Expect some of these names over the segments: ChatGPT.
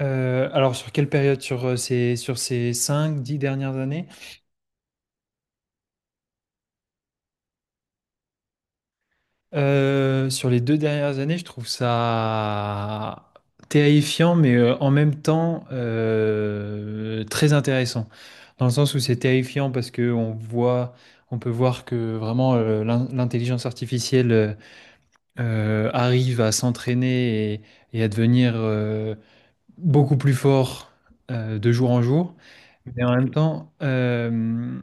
Alors sur quelle période? Sur sur ces 5 10 dernières années? Sur les 2 dernières années, je trouve ça terrifiant, mais en même temps très intéressant. Dans le sens où c'est terrifiant parce que on voit, on peut voir que vraiment l'intelligence artificielle arrive à s'entraîner et à devenir beaucoup plus fort de jour en jour. Mais en même temps,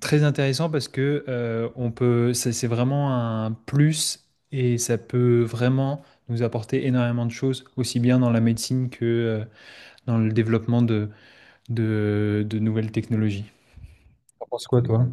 très intéressant parce que c'est vraiment un plus et ça peut vraiment nous apporter énormément de choses, aussi bien dans la médecine que dans le développement de nouvelles technologies. T'en penses quoi, toi?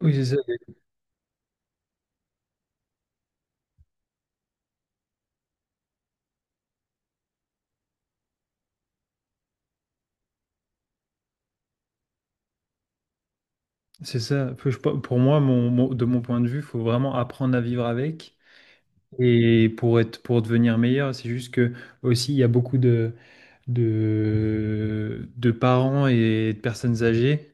Oui, c'est ça. C'est ça. Pour moi, de mon point de vue, il faut vraiment apprendre à vivre avec. Et pour devenir meilleur, c'est juste que aussi, il y a beaucoup de parents et de personnes âgées,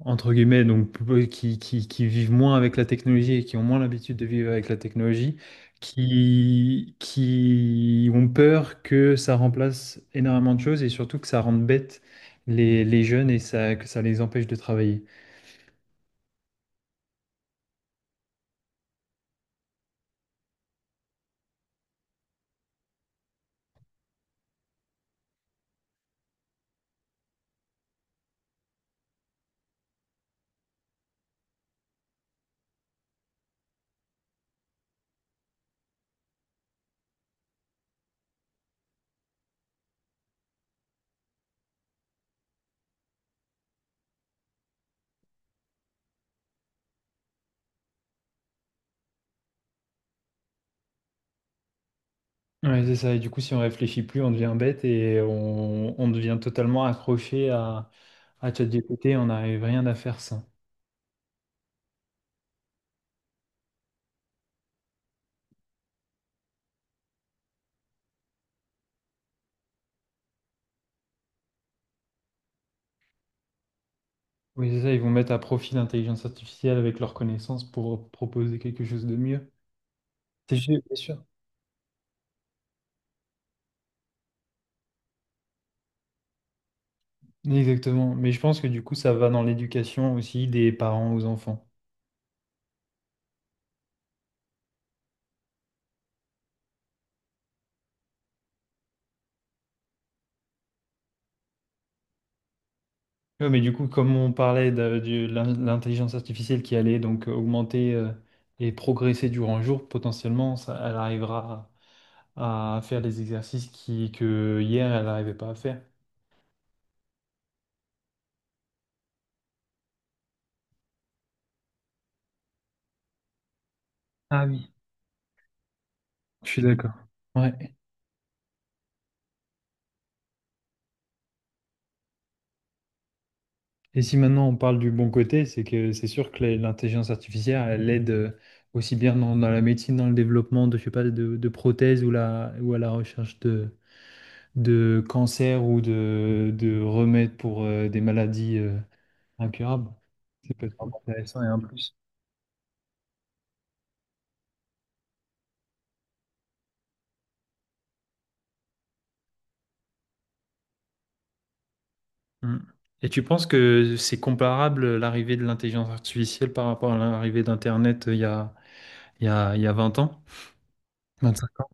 entre guillemets, donc qui vivent moins avec la technologie et qui ont moins l'habitude de vivre avec la technologie, qui ont peur que ça remplace énormément de choses et surtout que ça rende bête les jeunes et ça, que ça les empêche de travailler. Ouais, c'est ça. Et du coup, si on réfléchit plus, on devient bête et on devient totalement accroché à ChatGPT, on n'arrive rien à faire sans. Oui, c'est ça, ils vont mettre à profit l'intelligence artificielle avec leurs connaissances pour proposer quelque chose de mieux. C'est sûr, bien sûr. Exactement, mais je pense que du coup ça va dans l'éducation aussi des parents aux enfants. Ouais, mais du coup comme on parlait de l'intelligence artificielle qui allait donc augmenter et progresser durant le jour, potentiellement ça, elle arrivera à faire des exercices qui que hier elle n'arrivait pas à faire. Ah oui, je suis d'accord. Ouais. Et si maintenant on parle du bon côté, c'est que c'est sûr que l'intelligence artificielle, elle aide aussi bien dans la médecine, dans le développement de, je sais pas, de prothèses ou, la, ou à la recherche de cancers ou de remèdes pour des maladies incurables. Ça peut être vraiment intéressant et un plus. Mm. Et tu penses que c'est comparable l'arrivée de l'intelligence artificielle par rapport à l'arrivée d'Internet il y a 20 ans, 25 ans?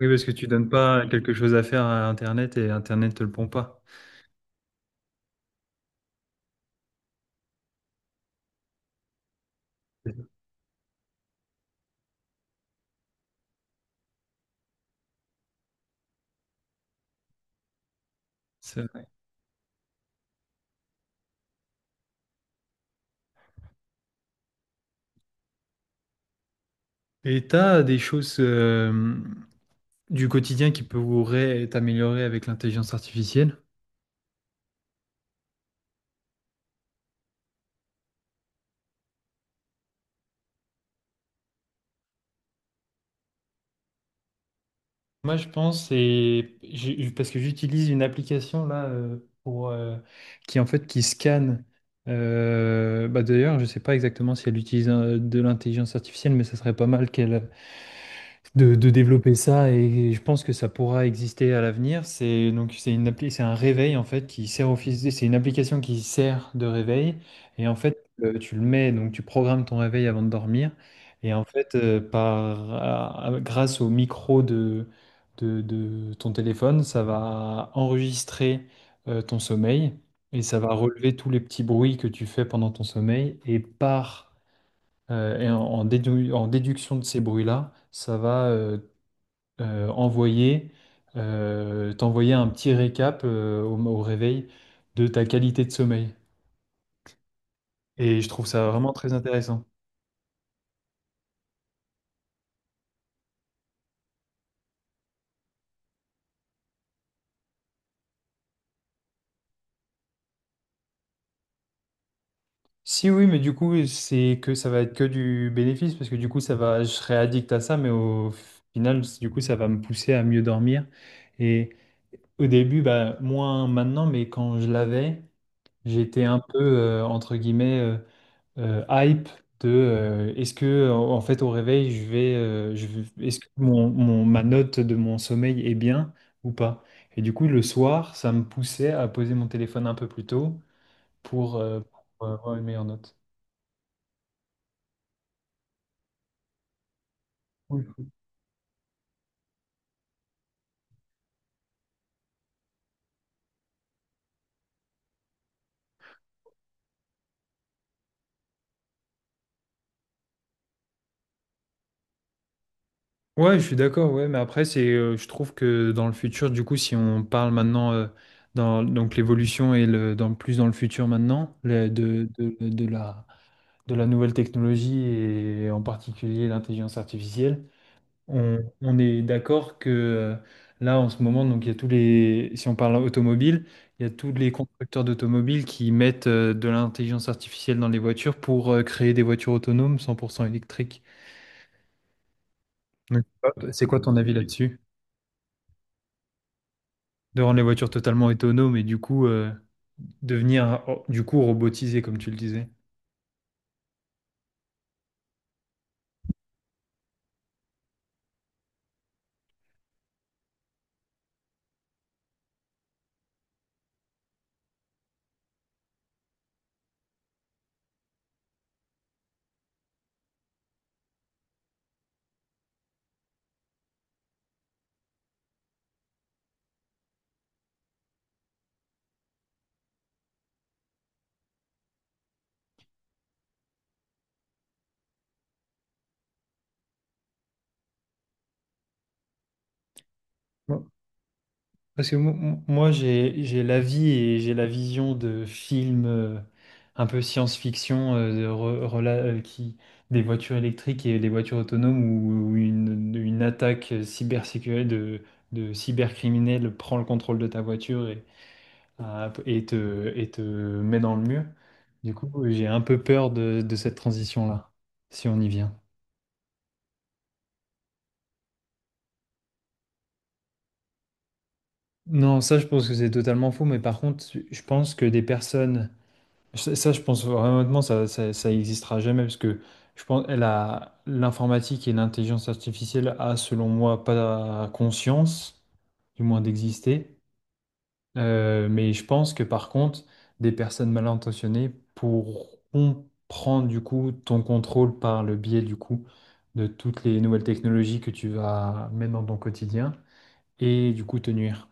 Oui, parce que tu donnes pas quelque chose à faire à Internet et Internet te le pond pas. C'est vrai. Et t'as des choses du quotidien qui pourraient être améliorées avec l'intelligence artificielle? Moi, je pense, parce que j'utilise une application là pour qui en fait qui scanne. D'ailleurs, je sais pas exactement si elle utilise de l'intelligence artificielle, mais ça serait pas mal qu'elle de développer ça et je pense que ça pourra exister à l'avenir. C'est une appli, c'est un réveil en fait qui sert office, c'est une application qui sert de réveil et en fait tu le mets donc tu programmes ton réveil avant de dormir et en fait grâce au micro de ton téléphone, ça va enregistrer ton sommeil et ça va relever tous les petits bruits que tu fais pendant ton sommeil et par et en déduction de ces bruits-là, ça va euh, envoyer, t'envoyer un petit récap au réveil de ta qualité de sommeil. Et je trouve ça vraiment très intéressant. Si oui, mais du coup, c'est que ça va être que du bénéfice, parce que du coup, ça va, je serai addict à ça, mais au final, du coup, ça va me pousser à mieux dormir. Et au début, bah, moins maintenant, mais quand je l'avais, j'étais un peu, entre guillemets, hype de est-ce que en fait au réveil est-ce que ma note de mon sommeil est bien ou pas? Et du coup le soir ça me poussait à poser mon téléphone un peu plus tôt pour, euh, pour avoir une meilleure note. Cool. Ouais, je suis d'accord, ouais, mais après c'est je trouve que dans le futur du coup si on parle maintenant dans donc l'évolution et le dans plus dans le futur maintenant de la nouvelle technologie et en particulier l'intelligence artificielle. On est d'accord que là, en ce moment, donc il y a tous les, si on parle automobile, il y a tous les constructeurs d'automobiles qui mettent de l'intelligence artificielle dans les voitures pour créer des voitures autonomes 100% électriques. Donc, hop, c'est quoi ton avis là-dessus? De rendre les voitures totalement autonomes et du coup devenir oh, du coup robotisées, comme tu le disais. Parce que moi, j'ai la vie et j'ai la vision de films un peu science-fiction qui, des voitures électriques et des voitures autonomes où, où une attaque cybersécurité de cybercriminel prend le contrôle de ta voiture ah, et te met dans le mur. Du coup, j'ai un peu peur de cette transition-là, si on y vient. Non, ça, je pense que c'est totalement faux, mais par contre, je pense que des personnes ça, ça, je pense vraiment, ça existera jamais parce que je pense elle a l'informatique et l'intelligence artificielle a, selon moi, pas conscience, du moins d'exister. Mais je pense que par contre, des personnes mal intentionnées pourront prendre du coup ton contrôle par le biais du coup de toutes les nouvelles technologies que tu vas mettre dans ton quotidien et du coup te nuire.